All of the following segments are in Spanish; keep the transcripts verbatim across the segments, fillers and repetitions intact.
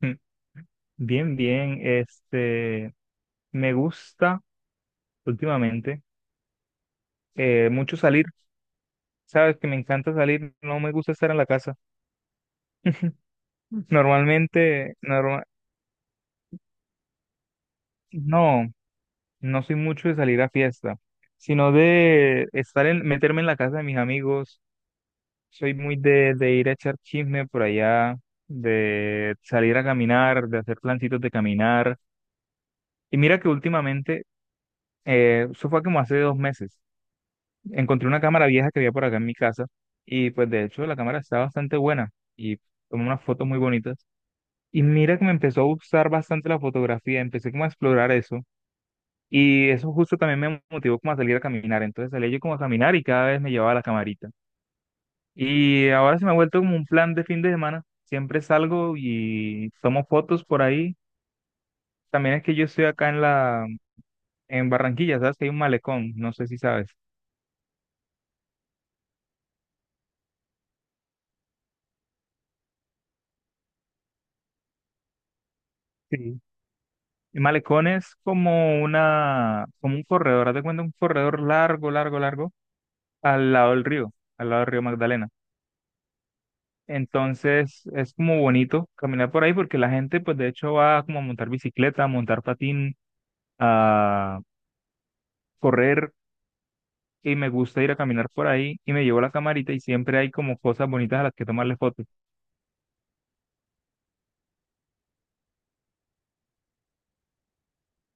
Mm. Bien, bien. Este, me gusta últimamente eh, mucho salir. Sabes que me encanta salir, no me gusta estar en la casa. Normalmente, norma- no, no soy mucho de salir a fiesta, sino de estar en, meterme en la casa de mis amigos. Soy muy de, de ir a echar chisme por allá, de salir a caminar, de hacer plancitos de caminar. Y mira que últimamente, eh, eso fue como hace dos meses. Encontré una cámara vieja que había por acá en mi casa, y pues de hecho la cámara está bastante buena, y tomé unas fotos muy bonitas. Y mira que me empezó a gustar bastante la fotografía, empecé como a explorar eso, y eso justo también me motivó como a salir a caminar. Entonces salía yo como a caminar y cada vez me llevaba la camarita. Y ahora se me ha vuelto como un plan de fin de semana. Siempre salgo y tomo fotos por ahí. También es que yo estoy acá en la, en Barranquilla, ¿sabes? Que hay un malecón, no sé si sabes. Sí, el malecón es como una, como un corredor, haz de cuenta un corredor largo, largo, largo, al lado del río, al lado del río Magdalena. Entonces es como bonito caminar por ahí porque la gente pues de hecho va como a montar bicicleta, a montar patín, a correr, y me gusta ir a caminar por ahí y me llevo la camarita y siempre hay como cosas bonitas a las que tomarle fotos.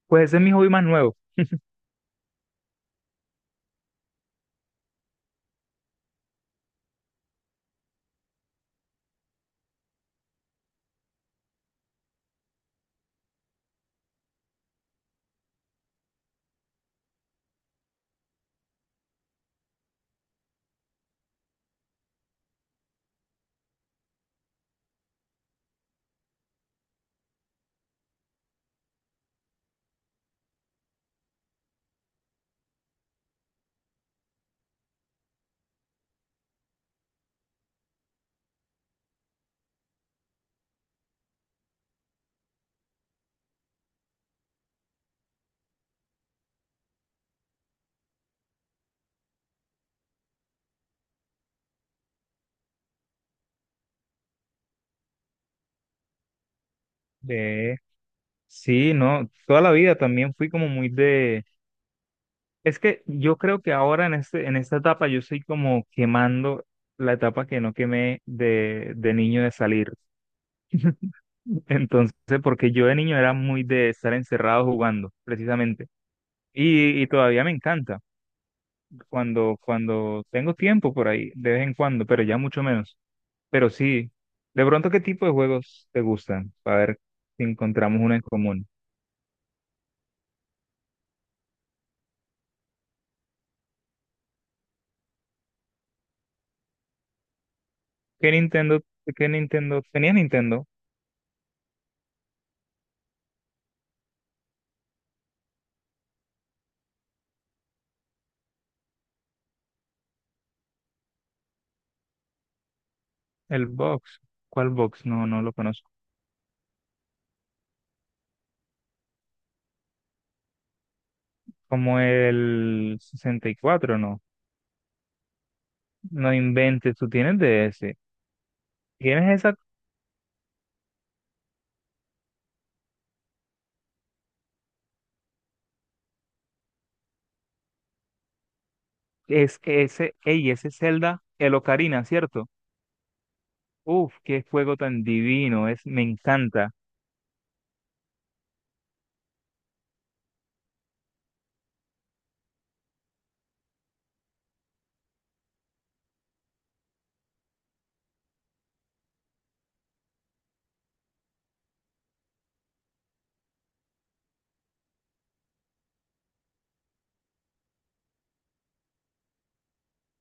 Pues ese es mi hobby más nuevo. De... Sí, no, toda la vida también fui como muy de. Es que yo creo que ahora en este, en esta etapa yo estoy como quemando la etapa que no quemé de, de niño de salir. Entonces, porque yo de niño era muy de estar encerrado jugando, precisamente. Y, y todavía me encanta cuando, cuando tengo tiempo por ahí, de vez en cuando, pero ya mucho menos. Pero sí, de pronto, ¿qué tipo de juegos te gustan? Para ver si encontramos uno en común. ¿Qué Nintendo, ¿qué Nintendo? Tenía Nintendo, el Box. ¿Cuál Box? No, no lo conozco. Como el sesenta y cuatro, ¿no? No inventes, tú tienes de ese. Tienes esa, es ese, ey, ese Zelda, el Ocarina, ¿cierto? Uf, qué juego tan divino, es, me encanta.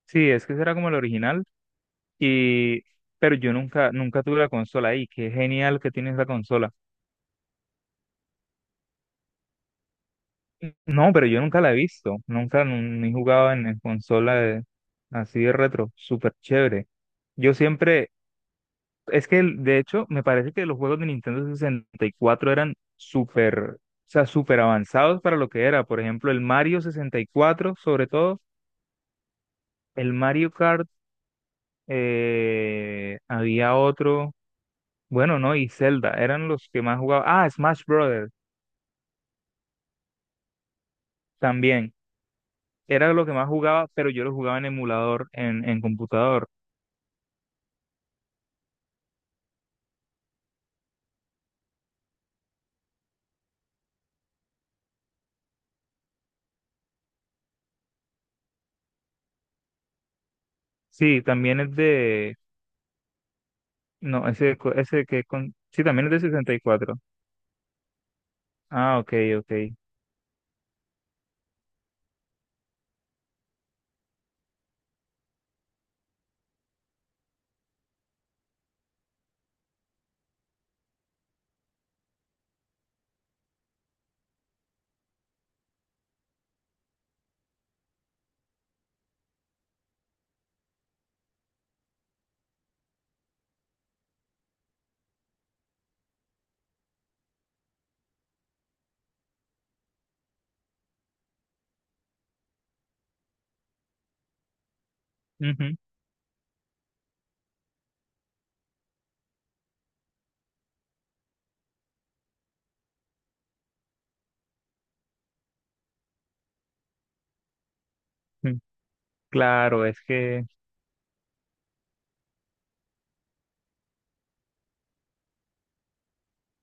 Sí, es que será como el original y, pero yo nunca, nunca tuve la consola ahí, qué genial que tienes la consola. No, pero yo nunca la he visto, nunca no, ni he jugado en, en consola de- así de retro, súper chévere. Yo siempre. Es que el- de hecho me parece que los juegos de Nintendo sesenta y cuatro eran súper, o sea, súper avanzados para lo que era. Por ejemplo, el Mario sesenta y cuatro, sobre todo, el Mario Kart, eh, había otro, bueno, no, y Zelda, eran los que más jugaba. Ah, Smash Brothers también, era lo que más jugaba, pero yo lo jugaba en emulador, en, en computador. Sí, también es de, no, ese, co- ese que con, sí, también es de sesenta y cuatro. Ah, ok, ok. Ujú, ujú. Claro, es que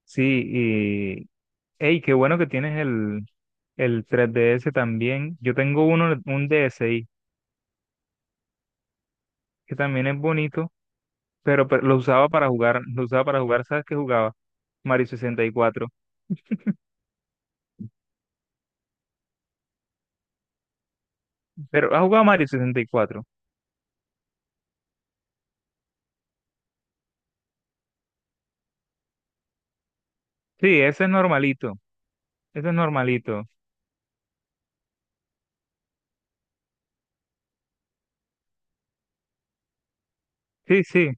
sí, y hey, qué bueno que tienes el, el tres D S también. Yo tengo uno, un D S i que también es bonito, pero, pero lo usaba para jugar, lo usaba para jugar, ¿sabes qué jugaba? Mario sesenta y cuatro. Pero, ¿has jugado Mario sesenta y cuatro? Sí, ese es normalito, ese es normalito. Sí, sí,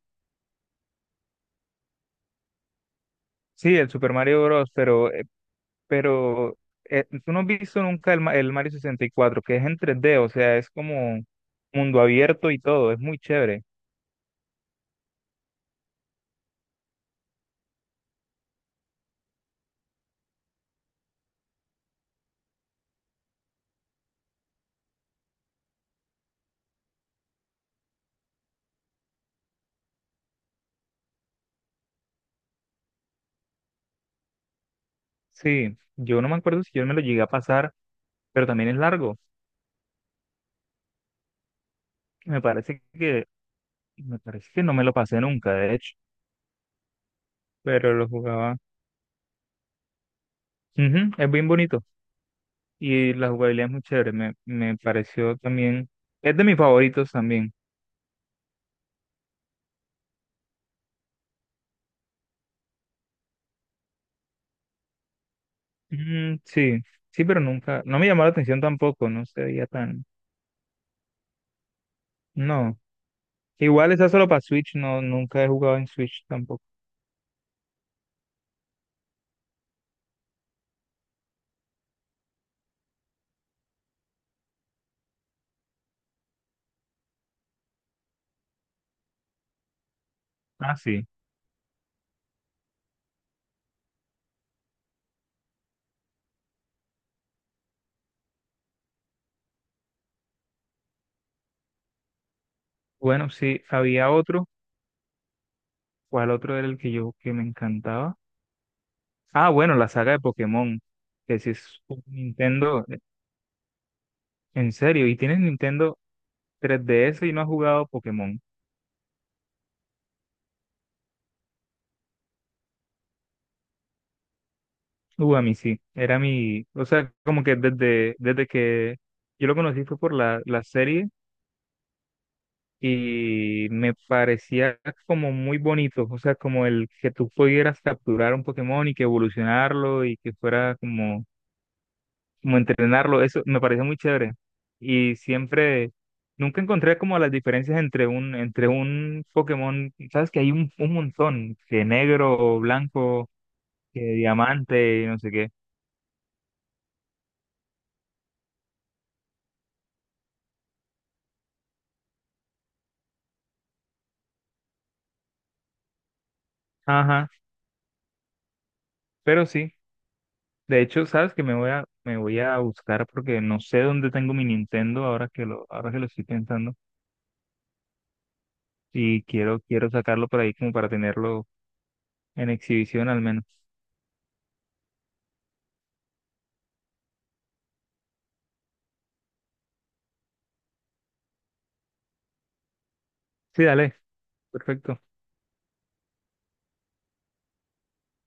sí, el Super Mario Bros., pero, eh, pero eh, tú no has visto nunca el, Ma- el Mario sesenta y cuatro que es en tres d, o sea, es como mundo abierto y todo, es muy chévere. Sí, yo no me acuerdo si yo me lo llegué a pasar, pero también es largo. Me parece que, me parece que no me lo pasé nunca, de hecho, pero lo jugaba. Ujú, es bien bonito y la jugabilidad es muy chévere. Me, me pareció también, es de mis favoritos también. Mm, sí, sí, pero nunca, no me llamó la atención tampoco, no se veía tan, no. Igual esa solo para Switch, no, nunca he jugado en Switch tampoco. Ah, sí. Bueno, sí, había otro, ¿cuál otro era el que yo que me encantaba? Ah, bueno, la saga de Pokémon, que si es un Nintendo, eh, en serio, y tienes Nintendo tres D S y no has jugado Pokémon. Uh, a mí sí, era mi, o sea, como que desde, desde que yo lo conocí fue por la, la serie y me parecía como muy bonito, o sea, como el que tú pudieras capturar un Pokémon y que evolucionarlo y que fuera como como entrenarlo, eso me parece muy chévere. Y siempre, nunca encontré como las diferencias entre un, entre un Pokémon, sabes que hay un, un montón, que negro, blanco, que diamante, y no sé qué. Ajá, pero sí, de hecho, sabes que me voy a, me voy a buscar porque no sé dónde tengo mi Nintendo ahora que lo, ahora que lo estoy pensando. Y quiero, quiero sacarlo por ahí como para tenerlo en exhibición al menos. Sí, dale, perfecto.